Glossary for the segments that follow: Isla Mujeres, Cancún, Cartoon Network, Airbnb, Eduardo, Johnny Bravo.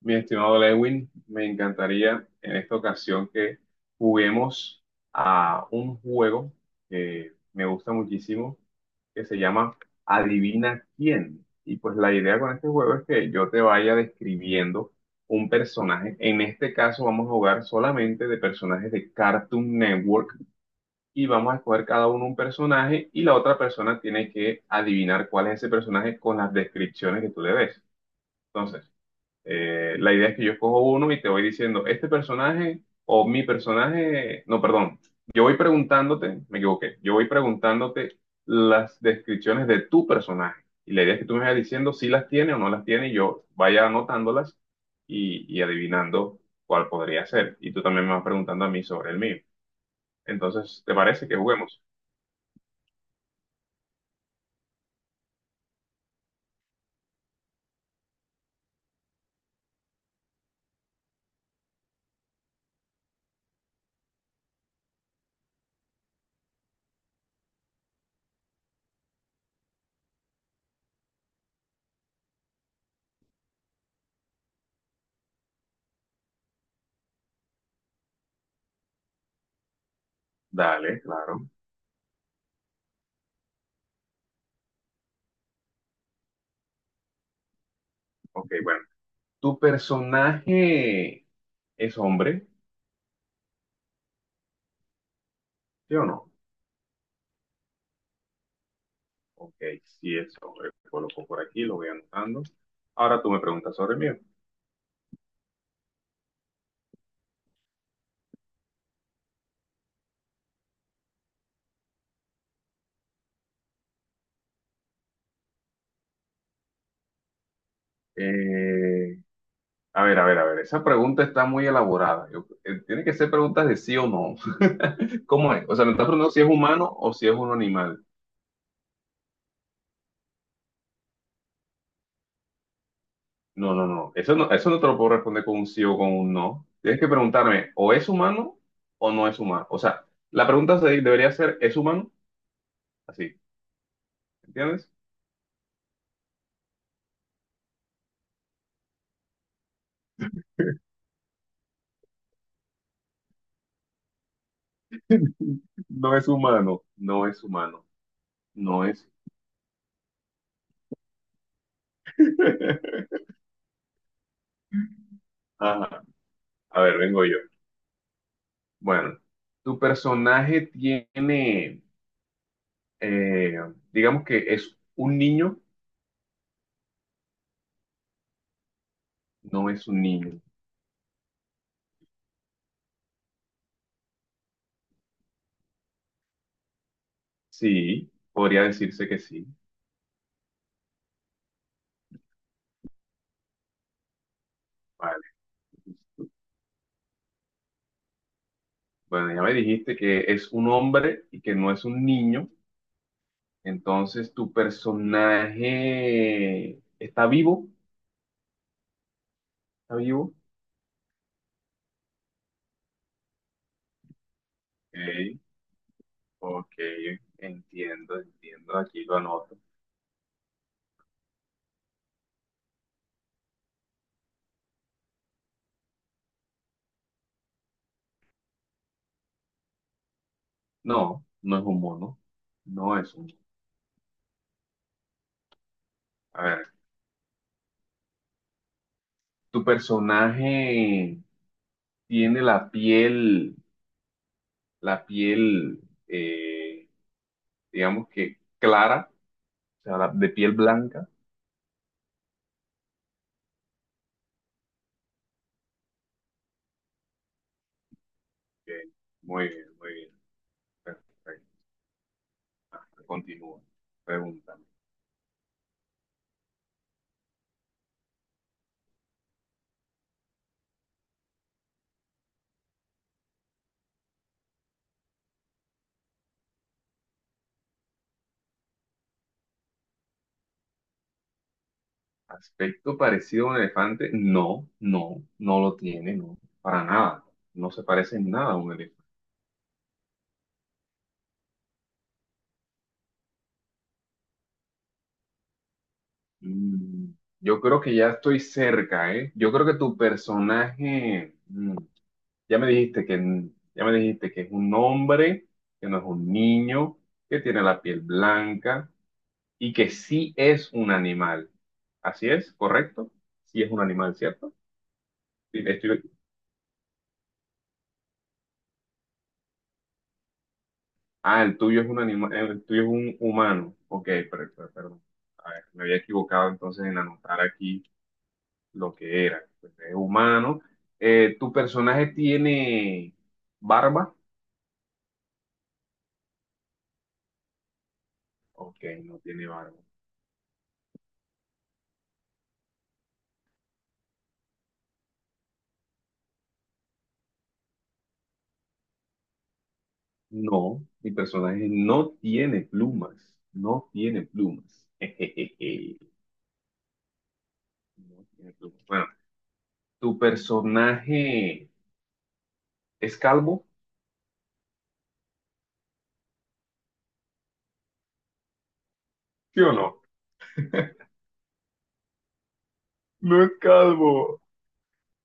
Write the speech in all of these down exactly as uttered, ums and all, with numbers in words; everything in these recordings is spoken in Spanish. Mi estimado Lewin, me encantaría en esta ocasión que juguemos a un juego que me gusta muchísimo, que se llama Adivina quién. Y pues la idea con este juego es que yo te vaya describiendo un personaje. En este caso vamos a jugar solamente de personajes de Cartoon Network y vamos a escoger cada uno un personaje y la otra persona tiene que adivinar cuál es ese personaje con las descripciones que tú le des. Entonces, eh, la idea es que yo escojo uno y te voy diciendo, este personaje o mi personaje, no, perdón, yo voy preguntándote, me equivoqué, yo voy preguntándote las descripciones de tu personaje. Y la idea es que tú me vayas diciendo si las tiene o no las tiene y yo vaya anotándolas y, y adivinando cuál podría ser. Y tú también me vas preguntando a mí sobre el mío. Entonces, ¿te parece que juguemos? Dale, claro. Ok, bueno. ¿Tu personaje es hombre? ¿Sí o no? Ok, sí, eso eh, coloco por aquí, lo voy anotando. Ahora tú me preguntas sobre mí. Eh, a ver, a ver, a ver, esa pregunta está muy elaborada. Yo- eh, tiene que ser preguntas de sí o no. ¿Cómo es? O sea, me estás preguntando si es humano o si es un animal. No, no, no. Eso no, eso no te lo puedo responder con un sí o con un no. Tienes que preguntarme, ¿o es humano o no es humano? O sea, la pregunta se- debería ser, ¿es humano? Así, ¿entiendes? No es humano, no es humano, no es. Ajá. A ver, vengo yo. Bueno, tu personaje tiene, eh, digamos que es un niño, no es un niño. Sí, podría decirse que sí. Vale. Bueno, ya me dijiste que es un hombre y que no es un niño. Entonces, tu personaje está vivo, está vivo. Ok, ok, entiendo, entiendo. Aquí lo anoto. No, no es un mono. No es un. A ver, tu personaje tiene la piel, la piel, eh, digamos que clara, o sea, la- de piel blanca. Ok, muy bien, muy bien. Perfecto. Continúa. Pregúntame. ¿Aspecto parecido a un elefante? No, no, no lo tiene, no, para nada. No se parece en nada a un elefante. Mm, yo creo que ya estoy cerca, ¿eh? Yo creo que tu personaje mm, Ya me dijiste que, ya me dijiste que es un hombre, que no es un niño, que tiene la piel blanca y que sí es un animal. Así es, correcto. Sí es un animal, ¿cierto? Sí, estoy- ah, el tuyo es un animal, el tuyo es un humano. Ok, per- per- perdón. A ver, me había equivocado entonces en anotar aquí lo que era. Pues es humano. Eh, ¿tu personaje tiene barba? Ok, no tiene barba. No, mi personaje no tiene plumas. No tiene plumas. Jejeje, no tiene plumas. Bueno, ¿tu personaje es calvo? ¿Sí o no? No es calvo.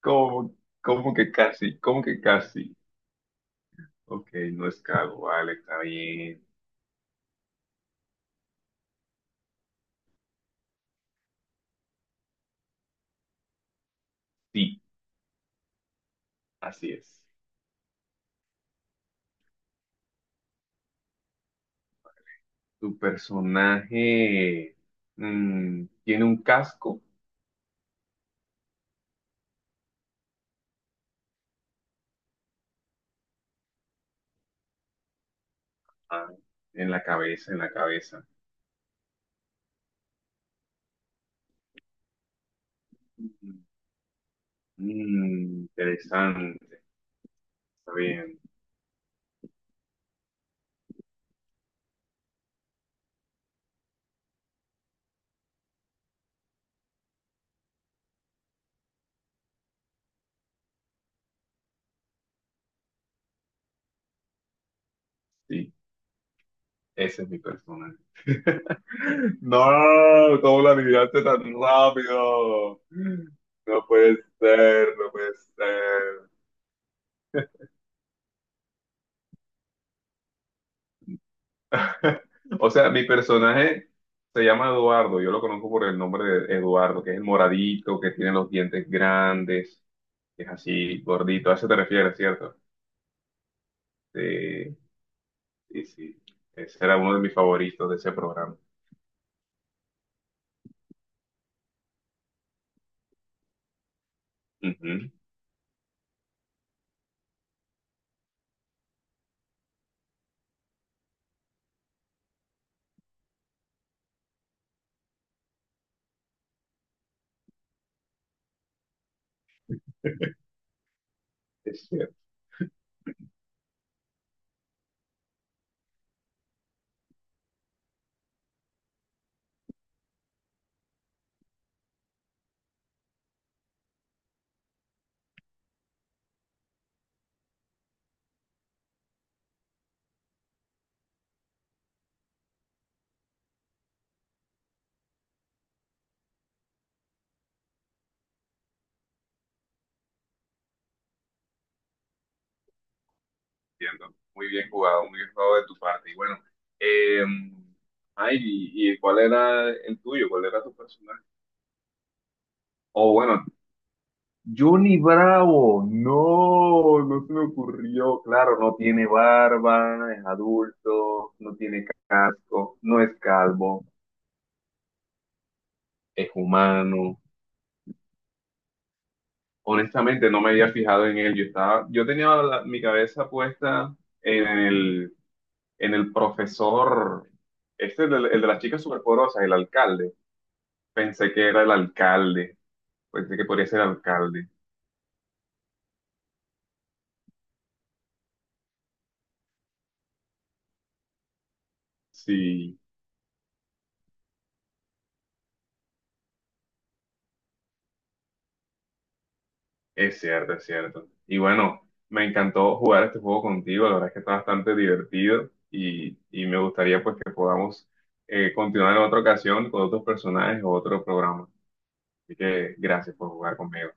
¿Cómo, cómo que casi? ¿Cómo que casi? Ok, no es calvo. Vale, está bien. Sí, así es. ¿Tu personaje mm, tiene un casco? Ah, en la cabeza, en la cabeza. Mm, interesante. Está bien. Sí, ese es mi personaje. No, ¿cómo lo adivinaste tan rápido? No puede ser, no puede ser. O sea, mi personaje se llama Eduardo, yo lo conozco por el nombre de Eduardo, que es el moradito, que tiene los dientes grandes, que es así gordito. A eso te refieres, ¿cierto? Sí, sí, sí. Ese era uno de mis favoritos de ese programa. Ujú, es cierto. Entiendo. Muy bien jugado, muy bien jugado de tu parte. Y bueno, eh, ay, ¿y y cuál era el tuyo? ¿Cuál era tu personaje? Oh, bueno, Johnny Bravo. No, no se me ocurrió. Claro, no tiene barba, es adulto, no tiene casco, no es calvo, es humano. Honestamente, no me había fijado en él. Yo estaba, yo tenía la- mi cabeza puesta en el, en el profesor, este, es el, el de las chicas superpoderosas, el alcalde. Pensé que era el alcalde. Pensé que podría ser alcalde. Sí, es cierto, es cierto. Y bueno, me encantó jugar este juego contigo. La verdad es que está bastante divertido y, y me gustaría pues que podamos eh, continuar en otra ocasión con otros personajes o otro programa. Así que gracias por jugar conmigo.